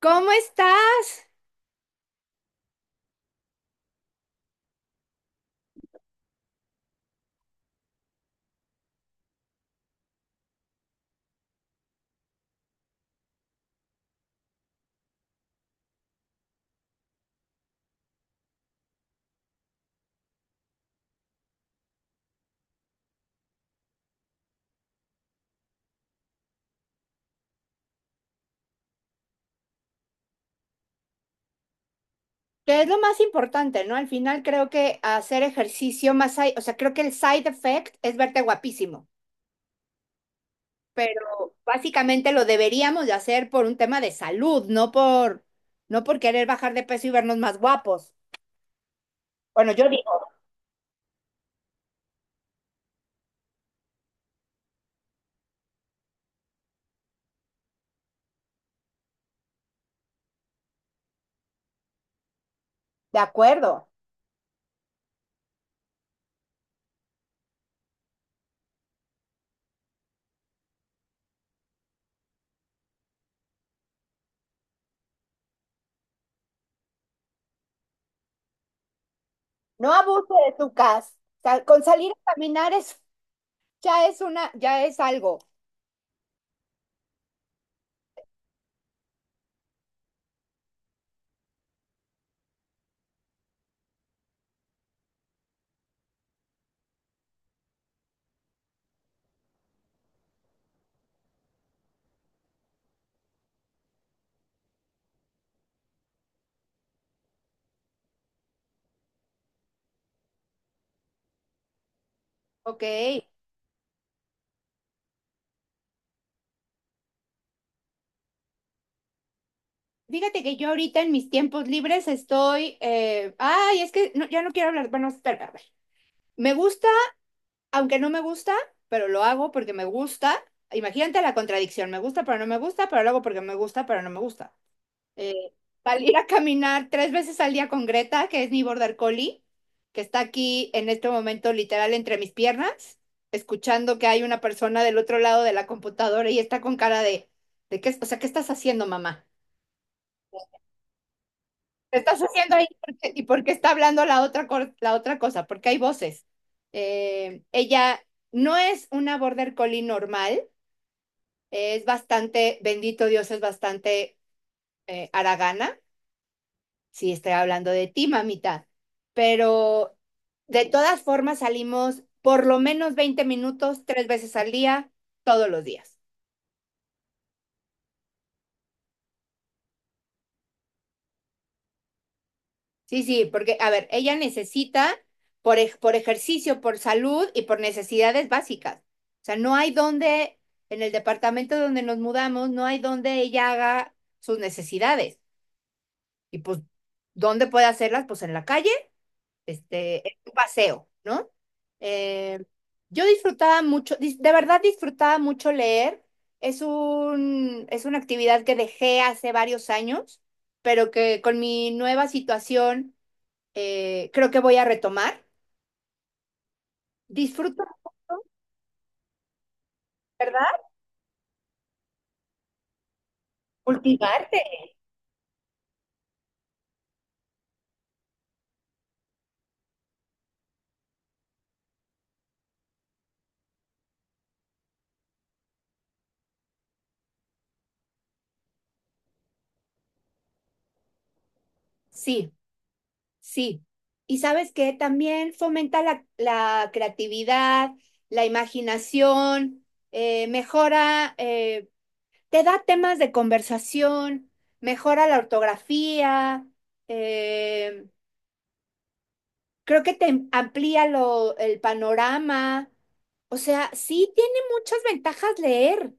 ¿Cómo estás? Que es lo más importante, ¿no? Al final creo que hacer ejercicio más, o sea, creo que el side effect es verte guapísimo, pero básicamente lo deberíamos de hacer por un tema de salud, no por querer bajar de peso y vernos más guapos. Bueno, yo digo, de acuerdo, no abuse de tu casa. Con salir a caminar es, ya es algo, ¿ok? Fíjate que yo ahorita en mis tiempos libres estoy, ay, es que no- ya no quiero hablar, bueno, espera, a ver. Me gusta, aunque no me gusta, pero lo hago porque me gusta. Imagínate la contradicción, me gusta, pero no me gusta, pero lo hago porque me gusta, pero no me gusta. Eh, Salir a caminar tres veces al día con Greta, que es mi border collie, que está aquí en este momento literal entre mis piernas, escuchando que hay una persona del otro lado de la computadora y está con cara de qué, o sea, ¿qué estás haciendo, mamá? ¿Qué estás haciendo ahí? ¿Y por qué está hablando la otra cosa? Porque hay voces. Ella no es una border collie normal, es bastante, bendito Dios, es bastante haragana. Sí, estoy hablando de ti, mamita. Pero de todas formas salimos por lo menos 20 minutos, 3 veces al día, todos los días. Sí, sí, porque, a ver, ella necesita por ejercicio, por salud y por necesidades básicas. O sea, no hay donde, en el departamento donde nos mudamos, no hay donde ella haga sus necesidades. Y pues, ¿dónde puede hacerlas? Pues en la calle, este, en un paseo, ¿no? Eh, yo de verdad disfrutaba mucho leer. Es un, es una actividad que dejé hace varios años, pero que con mi nueva situación creo que voy a retomar. Disfruto mucho, ¿verdad? Cultivarte. Sí, sí. Y sabes que también fomenta la creatividad, la imaginación, mejora, te da temas de conversación, mejora la ortografía, eh, creo que te el panorama. O sea, sí tiene muchas ventajas leer,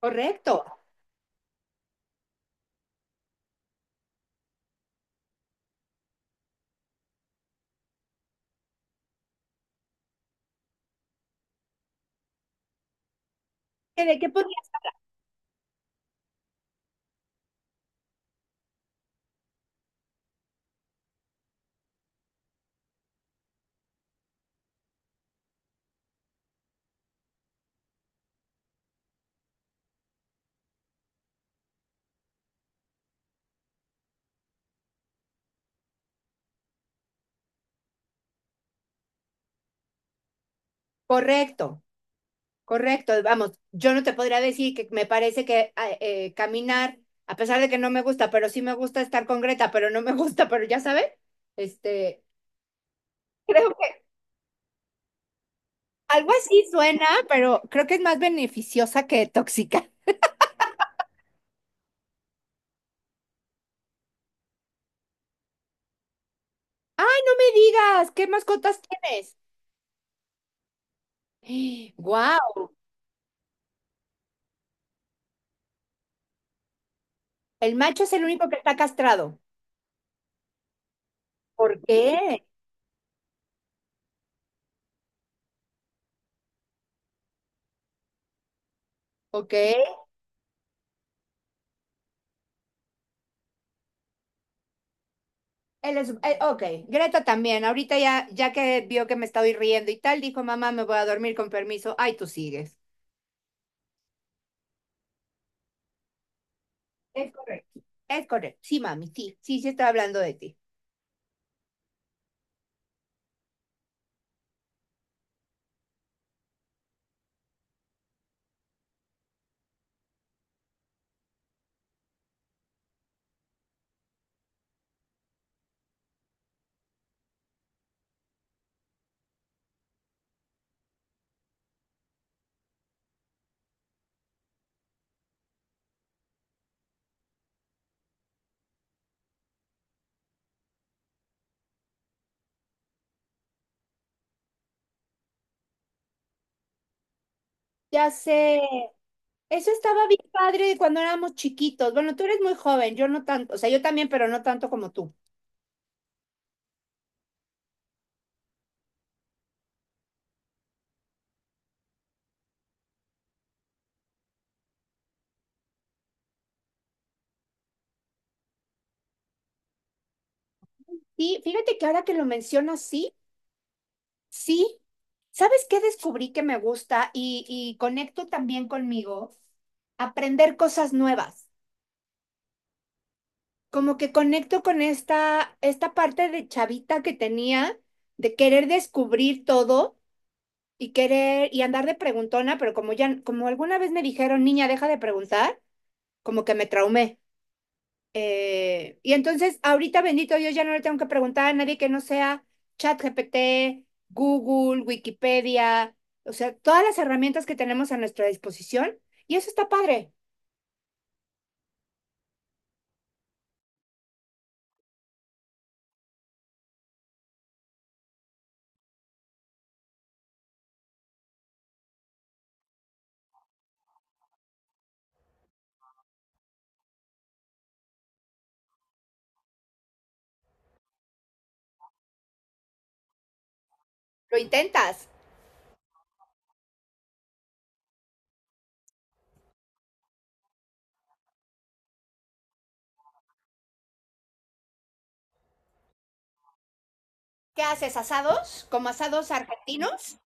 correcto. ¿De qué podrías? Correcto. Correcto, vamos, yo no te podría decir que me parece que caminar, a pesar de que no me gusta, pero sí me gusta estar con Greta, pero no me gusta, pero ya sabes, este, creo que algo así suena, pero creo que es más beneficiosa que tóxica. ¡Ay, no me digas! ¿Qué mascotas tienes? Wow. El macho es el único que está castrado. ¿Por qué? Ok. Él es, ok, Greta también. Ahorita ya, ya que vio que me estaba riendo y tal, dijo, mamá, me voy a dormir con permiso. Ay, tú sigues. Es correcto. Es correcto. Sí, mami, sí, sí, sí estaba hablando de ti. Ya sé. Eso estaba bien padre cuando éramos chiquitos. Bueno, tú eres muy joven, yo no tanto, o sea, yo también, pero no tanto como tú. Y fíjate que ahora que lo mencionas, sí, sí. ¿Sabes qué descubrí que me gusta y conecto también conmigo? Aprender cosas nuevas. Como que conecto con esta parte de chavita que tenía, de querer descubrir todo y querer y andar de preguntona, pero como ya, como alguna vez me dijeron, niña, deja de preguntar, como que me traumé. Y entonces, ahorita, bendito Dios, ya no le tengo que preguntar a nadie que no sea ChatGPT, Google, Wikipedia, o sea, todas las herramientas que tenemos a nuestra disposición. Y eso está padre. ¿Lo intentas? ¿Qué haces? ¿Asados? ¿Como asados argentinos?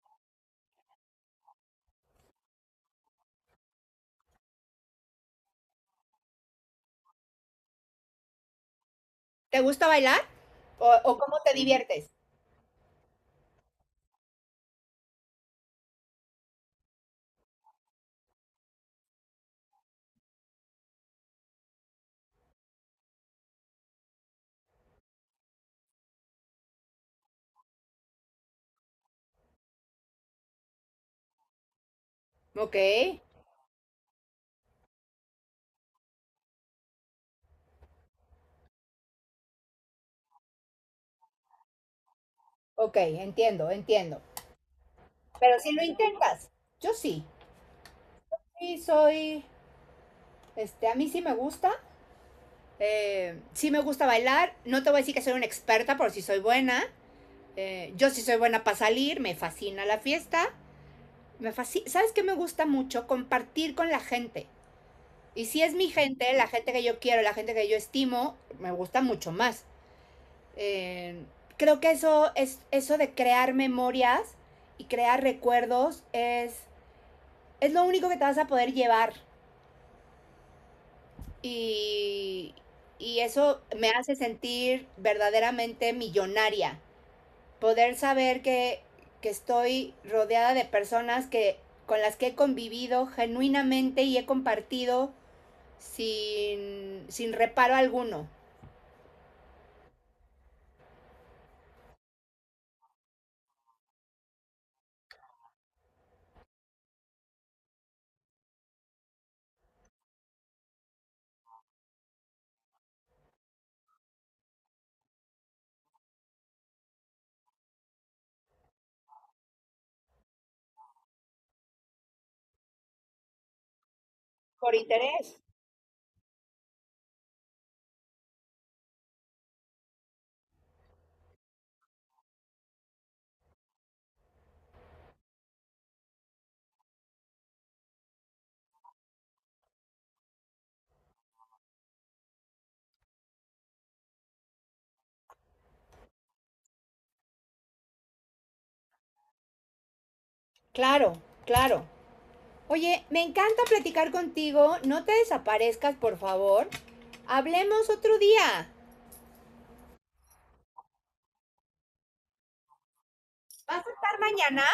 ¿Te gusta bailar? O cómo te diviertes? Ok, ok, entiendo, entiendo. Pero si lo intentas, yo sí. Sí, soy, este, a mí sí me gusta. Sí me gusta bailar. No te voy a decir que soy una experta, pero sí soy buena. Yo sí soy buena para salir. Me fascina la fiesta. Me fascina. ¿Sabes qué me gusta mucho? Compartir con la gente. Y si es mi gente, la gente que yo quiero, la gente que yo estimo, me gusta mucho más. Eh, Creo que eso es eso de crear memorias y crear recuerdos es lo único que te vas a poder llevar. Y, y eso me hace sentir verdaderamente millonaria. Poder saber que estoy rodeada de personas que, con las que he convivido genuinamente y he compartido sin, sin reparo alguno. Por interés. Claro, claro. Oye, me encanta platicar contigo. No te desaparezcas, por favor. Hablemos otro día. ¿Vas a estar mañana?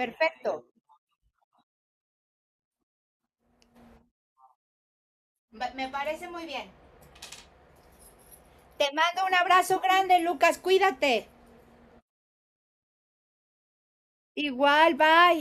Perfecto. Me parece muy bien. Te mando un abrazo grande, Lucas, cuídate. Igual, bye.